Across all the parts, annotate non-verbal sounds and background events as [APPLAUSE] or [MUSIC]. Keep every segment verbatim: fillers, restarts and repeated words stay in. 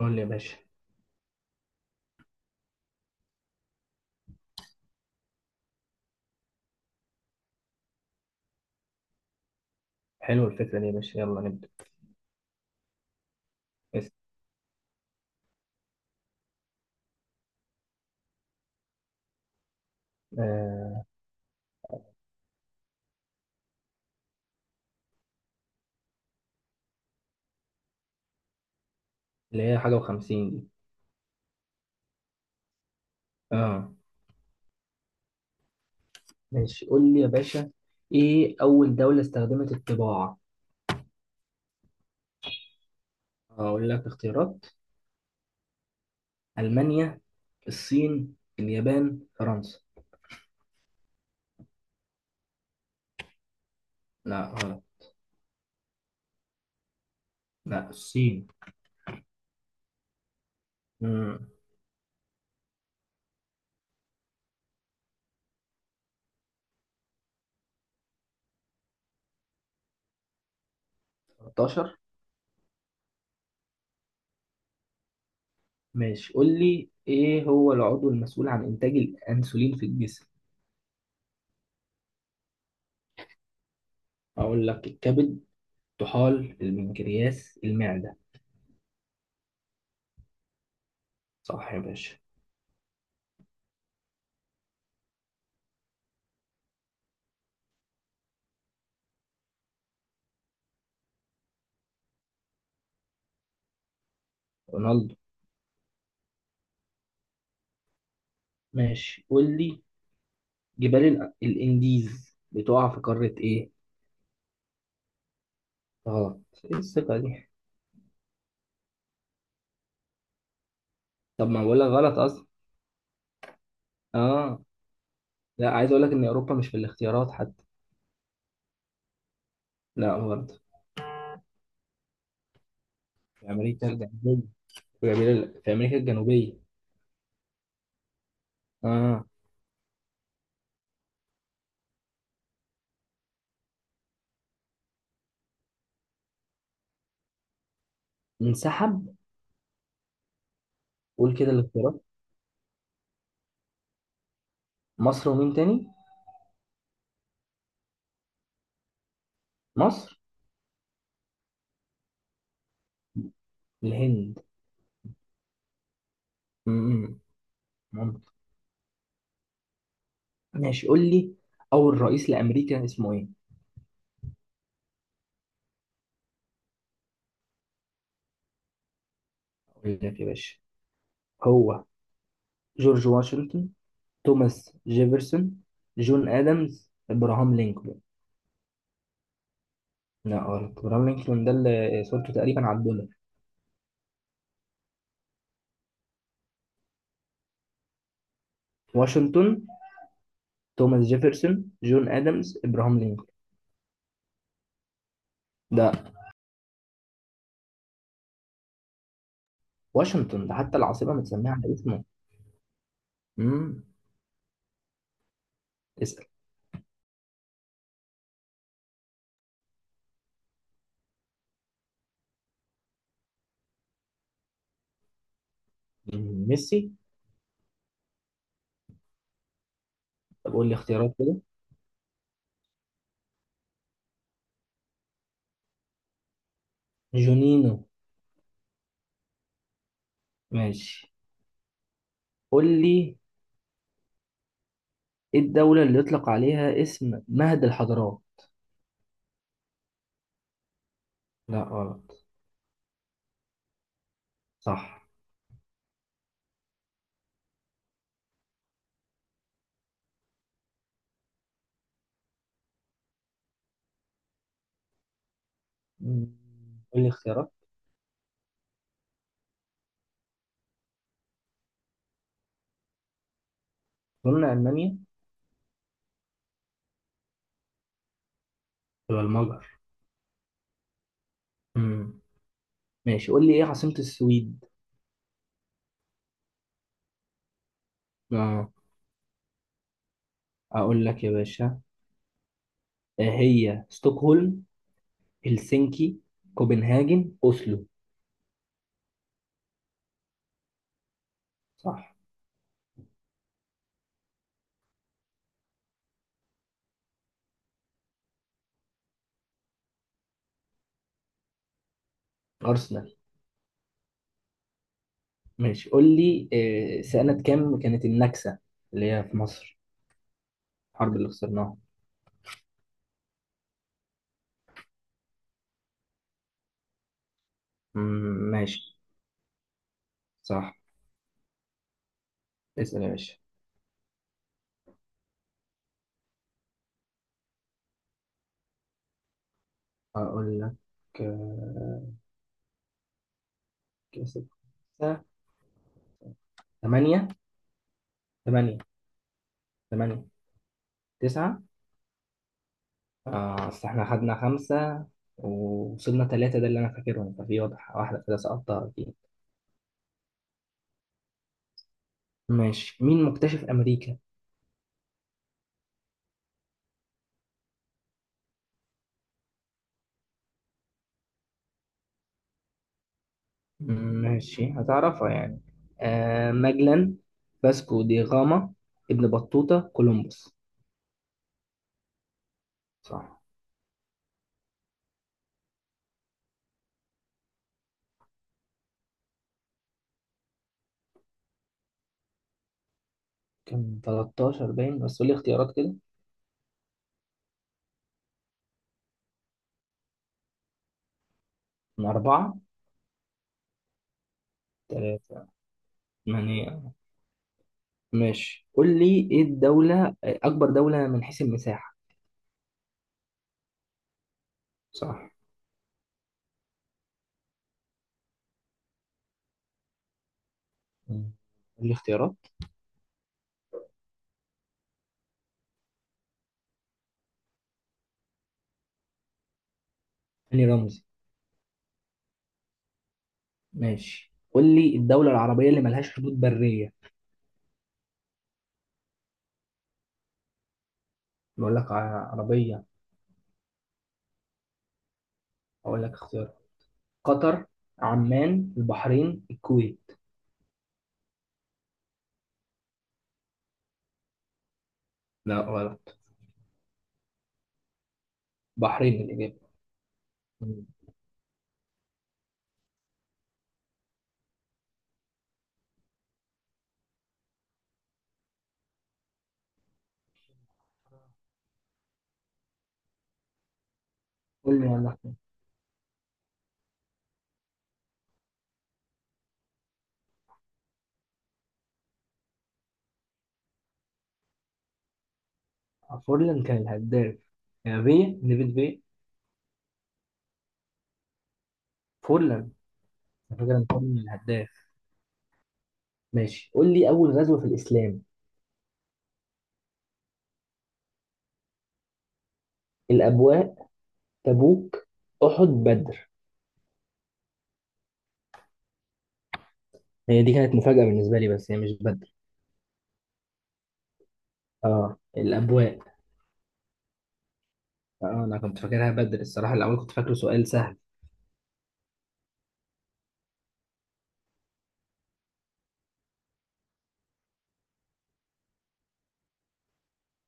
قول لي يا باشا. حلوة الفكرة دي يا باشا، يلا نبدأ. اسم. آه. اللي هي حاجة وخمسين دي. اه. ماشي قول لي يا باشا، ايه أول دولة استخدمت الطباعة؟ هقول لك اختيارات. ألمانيا، الصين، اليابان، فرنسا. لا غلط. لا الصين. امم ثلاثتاشر. ماشي قول لي، ايه هو العضو المسؤول عن إنتاج الأنسولين في الجسم؟ هقول لك الكبد، طحال، البنكرياس، المعدة. صح يا باشا. رونالدو. ماشي قول لي، جبال ال- الانديز بتقع في قارة ايه؟ غلط. ايه الثقة دي؟ طب ما بقول لك غلط اصلا. اه. لا عايز اقول لك ان اوروبا مش في الاختيارات حتى. لا برضه. في امريكا الجنوبية. في أمريكا، في امريكا الجنوبية. اه. انسحب. قول كده الاختيارات. مصر ومين تاني؟ مصر. الهند. امم. ممكن. ماشي قول لي، اول رئيس لامريكا اسمه ايه؟ اقول لك يا باشا. هو جورج واشنطن، توماس جيفرسون، جون ادمز، ابراهام لينكولن. لا غلط، ابراهام لينكولن ده اللي صورته تقريبا على الدولار. واشنطن، توماس جيفرسون، جون ادمز، ابراهام لينكولن. ده. واشنطن ده حتى العاصمه متسميه على اسمه. امم. اسال. مم، ميسي. طب قول لي اختيارات كده. جونينو. ماشي قول لي، ايه الدوله اللي يطلق عليها اسم مهد الحضارات؟ لا غلط. صح. مم، قول لي اختيارات. قلنا المانيا. ولا المجر. مم، ماشي قول لي ايه عاصمه السويد. اه. اقول لك يا باشا. آه، هي ستوكهولم، هلسنكي، كوبنهاجن، اوسلو. صح. ارسنال. ماشي قول لي، آه، سنة كام كانت النكسة؟ اللي هي في مصر، الحرب اللي خسرناها. مم، ماشي. صح. اسأل يا باشا. اقول لك. آه، كسب. خمسة. ثمانية. ثمانية. ثمانية. تسعة. آه أصل إحنا خدنا خمسة، ووصلنا ثلاثة، ده اللي أنا فاكرهم، ففي واضح واحدة كده سقطتها أكيد. ماشي، مين مكتشف أمريكا؟ ماشي هتعرفها يعني. آه ماجلان، باسكو دي غاما، ابن بطوطة، كولومبوس. صح. كان ثلاثتاشر باين، بس قول لي اختيارات كده. من أربعة. ثلاثة. ثمانية. ماشي قول لي، إيه الدولة أكبر دولة من حيث المساحة؟ صح. مم. قول لي اختيارات. هاني رمزي. ماشي قول لي، الدولة العربية اللي ملهاش حدود برية. بقول لك ع- عربية. أقول لك اختيار. قطر، عمان، البحرين، الكويت. لا غلط. بحرين الإجابة. قول لي يا عم احمد. فورلان كان الهداف، يعني فيا نيفل فيا. فورلان. على فكره إن فورلان الهداف. ماشي قول لي اول غزوه في الاسلام. الابواء، تبوك، احد، بدر. هي دي كانت مفاجاه بالنسبه لي، بس هي مش بدر. اه الابواء. اه انا كنت فاكرها بدر الصراحه، الاول كنت فاكره سؤال سهل.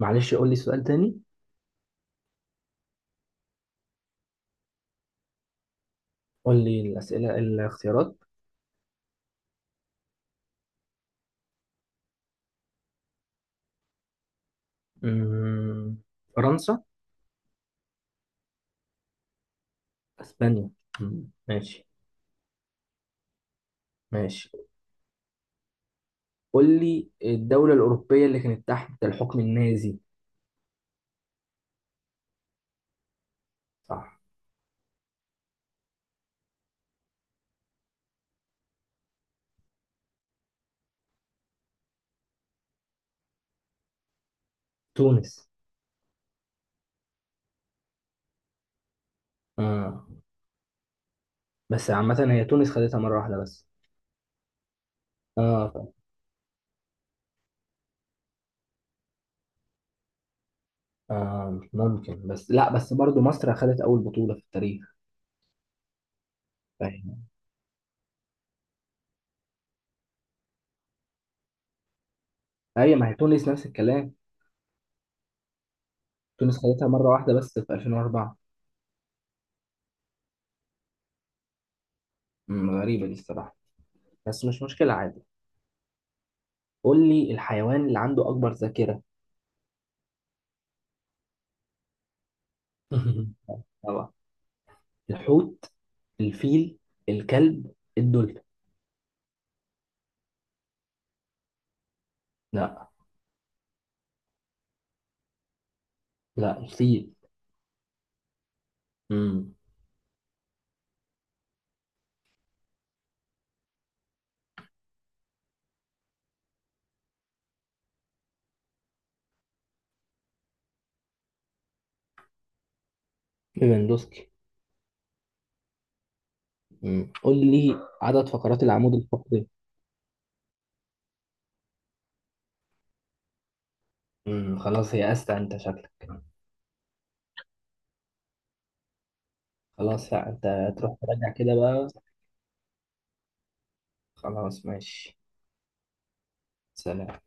معلش قول لي سؤال تاني. قول لي الاسئله الاختيارات. أمم، فرنسا. اسبانيا. أمم، ماشي. ماشي قول لي، الدولة الأوروبية اللي كانت تحت الحكم النازي. صح. تونس. اه. بس عامة هي تونس خدتها مرة واحدة بس. اه. آه، ممكن، بس بس لا، بس برضو مصر خدت أول بطولة في التاريخ. فاهم. هي ما هي تونس نفس الكلام. تونس خدتها مرة واحدة بس في ألفين وأربعة. أمم، غريبة دي الصراحة. بس مش مشكلة عادي. قول لي الحيوان اللي عنده أكبر ذاكرة. [LAUGHS] طبعا. الحوت، الفيل، الكلب، الدولفين. لا. لا الفيل. امم. ليفاندوسكي. امم قول لي عدد فقرات العمود الفقري. امم خلاص يأست انت شكلك. خلاص لا انت تروح تراجع كده بقى. خلاص ماشي. سلام.